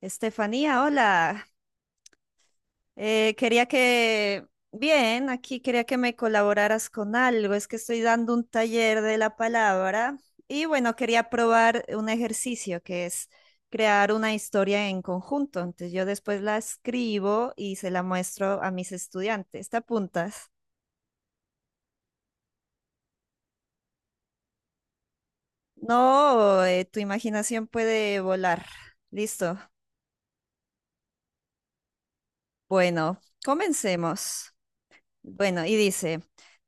Estefanía, hola. Quería que, bien, aquí quería que me colaboraras con algo. Es que estoy dando un taller de la palabra y bueno, quería probar un ejercicio que es crear una historia en conjunto. Entonces yo después la escribo y se la muestro a mis estudiantes. ¿Te apuntas? No, tu imaginación puede volar. Listo. Bueno, comencemos. Bueno, y dice,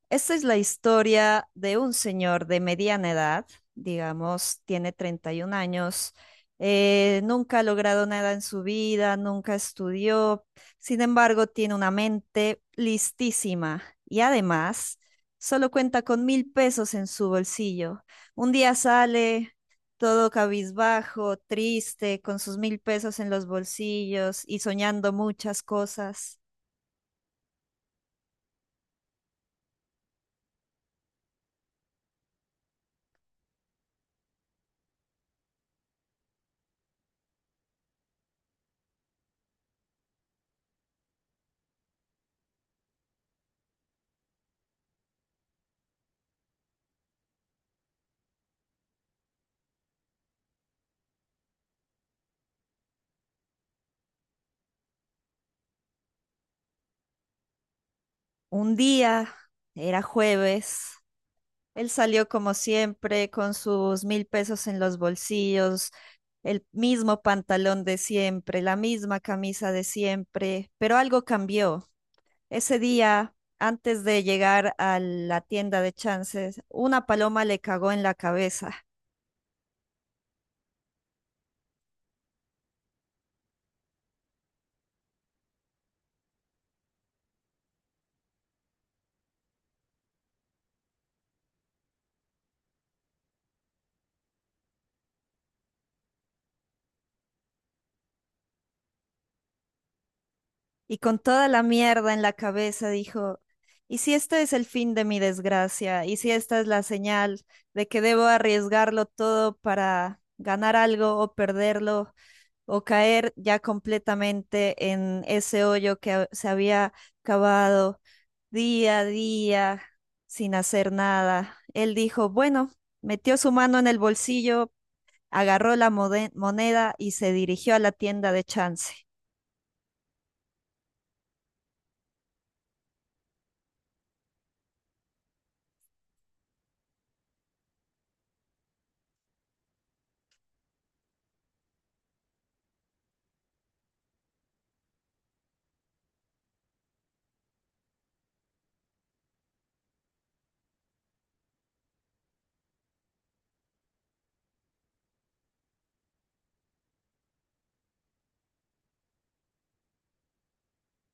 esta es la historia de un señor de mediana edad, digamos, tiene 31 años, nunca ha logrado nada en su vida, nunca estudió, sin embargo, tiene una mente listísima y además solo cuenta con mil pesos en su bolsillo. Un día sale todo cabizbajo, triste, con sus mil pesos en los bolsillos y soñando muchas cosas. Un día, era jueves, él salió como siempre con sus mil pesos en los bolsillos, el mismo pantalón de siempre, la misma camisa de siempre, pero algo cambió. Ese día, antes de llegar a la tienda de chances, una paloma le cagó en la cabeza. Y con toda la mierda en la cabeza dijo, ¿y si este es el fin de mi desgracia? ¿Y si esta es la señal de que debo arriesgarlo todo para ganar algo o perderlo o caer ya completamente en ese hoyo que se había cavado día a día sin hacer nada? Él dijo, bueno, metió su mano en el bolsillo, agarró la moneda y se dirigió a la tienda de chance.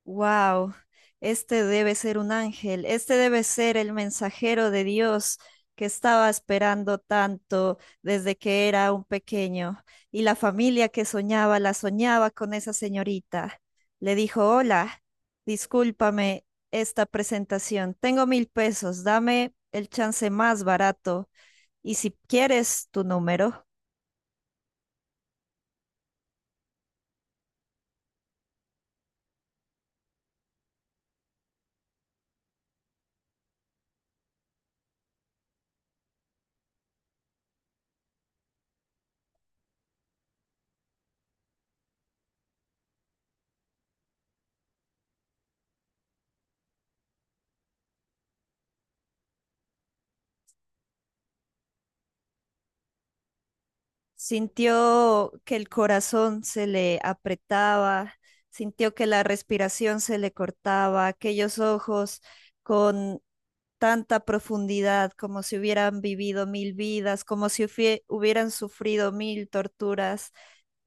Wow, este debe ser un ángel, este debe ser el mensajero de Dios que estaba esperando tanto desde que era un pequeño. Y la familia que soñaba, la soñaba con esa señorita. Le dijo, hola, discúlpame esta presentación. Tengo mil pesos, dame el chance más barato. Y si quieres tu número. Sintió que el corazón se le apretaba, sintió que la respiración se le cortaba, aquellos ojos con tanta profundidad, como si hubieran vivido mil vidas, como si hubieran sufrido mil torturas,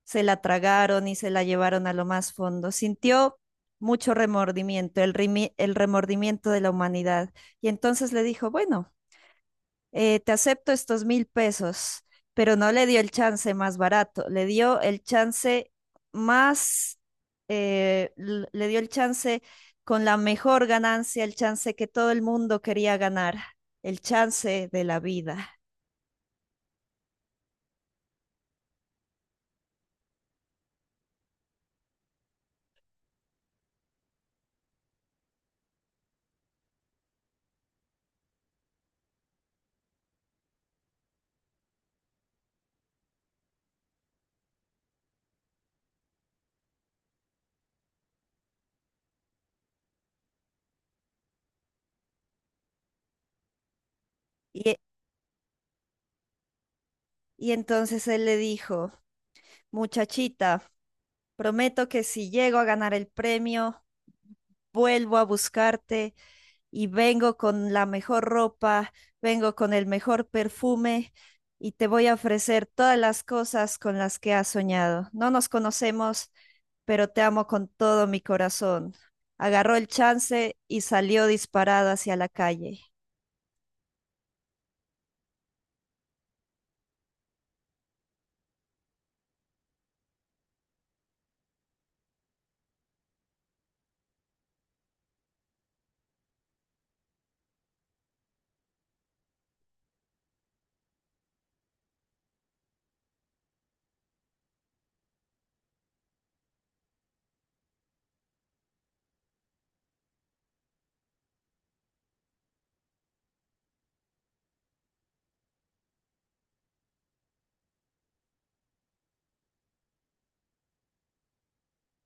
se la tragaron y se la llevaron a lo más fondo. Sintió mucho remordimiento, el remordimiento de la humanidad. Y entonces le dijo, bueno, te acepto estos mil pesos, pero no le dio el chance más barato, le dio el chance más, le dio el chance con la mejor ganancia, el chance que todo el mundo quería ganar, el chance de la vida. Y, y entonces él le dijo, muchachita, prometo que si llego a ganar el premio, vuelvo a buscarte y vengo con la mejor ropa, vengo con el mejor perfume y te voy a ofrecer todas las cosas con las que has soñado. No nos conocemos, pero te amo con todo mi corazón. Agarró el chance y salió disparado hacia la calle.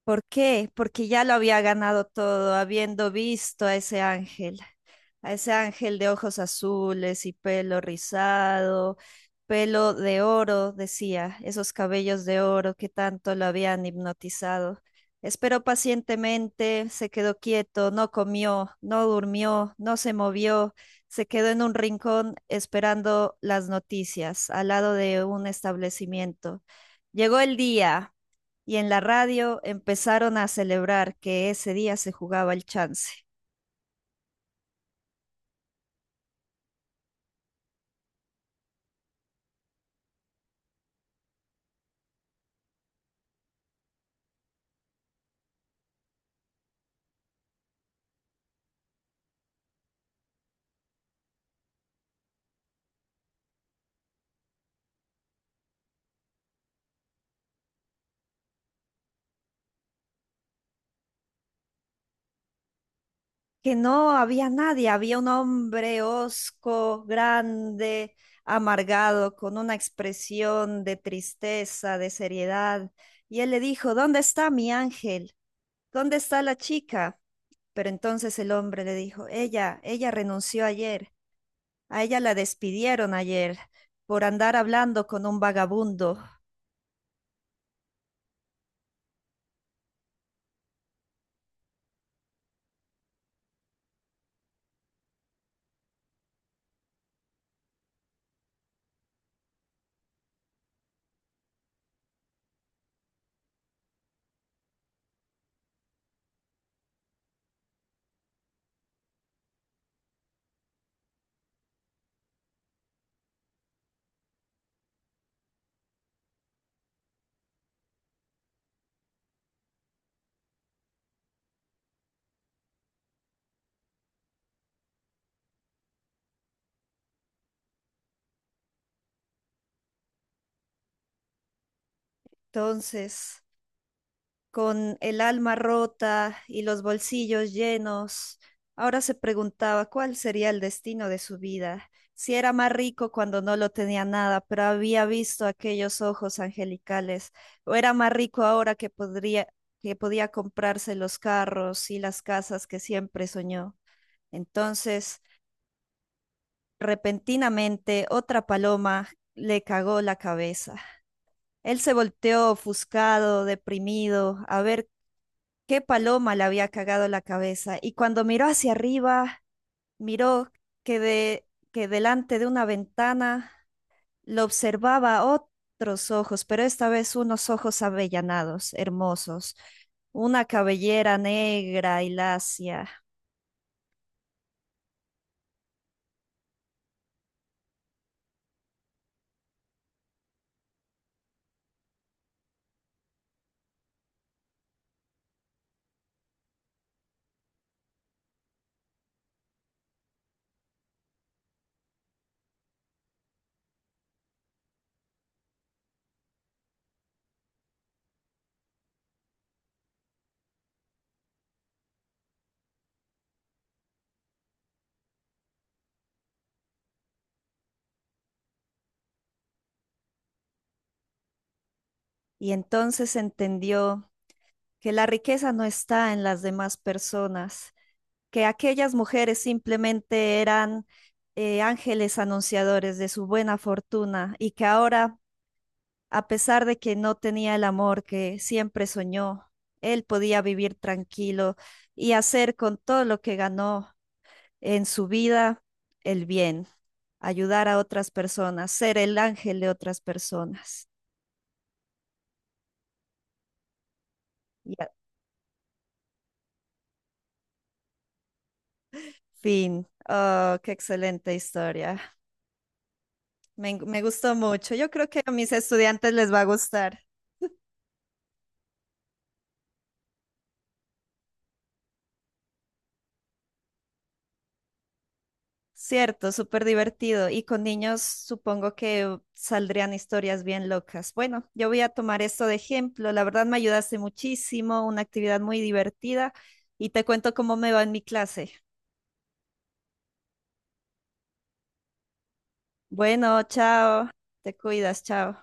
¿Por qué? Porque ya lo había ganado todo, habiendo visto a ese ángel. A ese ángel de ojos azules y pelo rizado, pelo de oro, decía, esos cabellos de oro que tanto lo habían hipnotizado. Esperó pacientemente, se quedó quieto, no comió, no durmió, no se movió, se quedó en un rincón esperando las noticias al lado de un establecimiento. Llegó el día y en la radio empezaron a celebrar que ese día se jugaba el chance. Que no había nadie, había un hombre hosco, grande, amargado, con una expresión de tristeza, de seriedad, y él le dijo, ¿dónde está mi ángel? ¿Dónde está la chica? Pero entonces el hombre le dijo, ella renunció ayer, a ella la despidieron ayer por andar hablando con un vagabundo. Entonces, con el alma rota y los bolsillos llenos, ahora se preguntaba cuál sería el destino de su vida, si era más rico cuando no lo tenía nada, pero había visto aquellos ojos angelicales, o era más rico ahora que podía comprarse los carros y las casas que siempre soñó. Entonces, repentinamente, otra paloma le cagó la cabeza. Él se volteó ofuscado, deprimido, a ver qué paloma le había cagado la cabeza. Y cuando miró hacia arriba, miró que delante de una ventana lo observaba otros ojos, pero esta vez unos ojos avellanados, hermosos, una cabellera negra y lacia. Y entonces entendió que la riqueza no está en las demás personas, que aquellas mujeres simplemente eran ángeles anunciadores de su buena fortuna y que ahora, a pesar de que no tenía el amor que siempre soñó, él podía vivir tranquilo y hacer con todo lo que ganó en su vida el bien, ayudar a otras personas, ser el ángel de otras personas. Y a- Fin. Oh, qué excelente historia. Me gustó mucho. Yo creo que a mis estudiantes les va a gustar. Cierto, súper divertido. Y con niños supongo que saldrían historias bien locas. Bueno, yo voy a tomar esto de ejemplo. La verdad me ayudaste muchísimo, una actividad muy divertida y te cuento cómo me va en mi clase. Bueno, chao. Te cuidas, chao.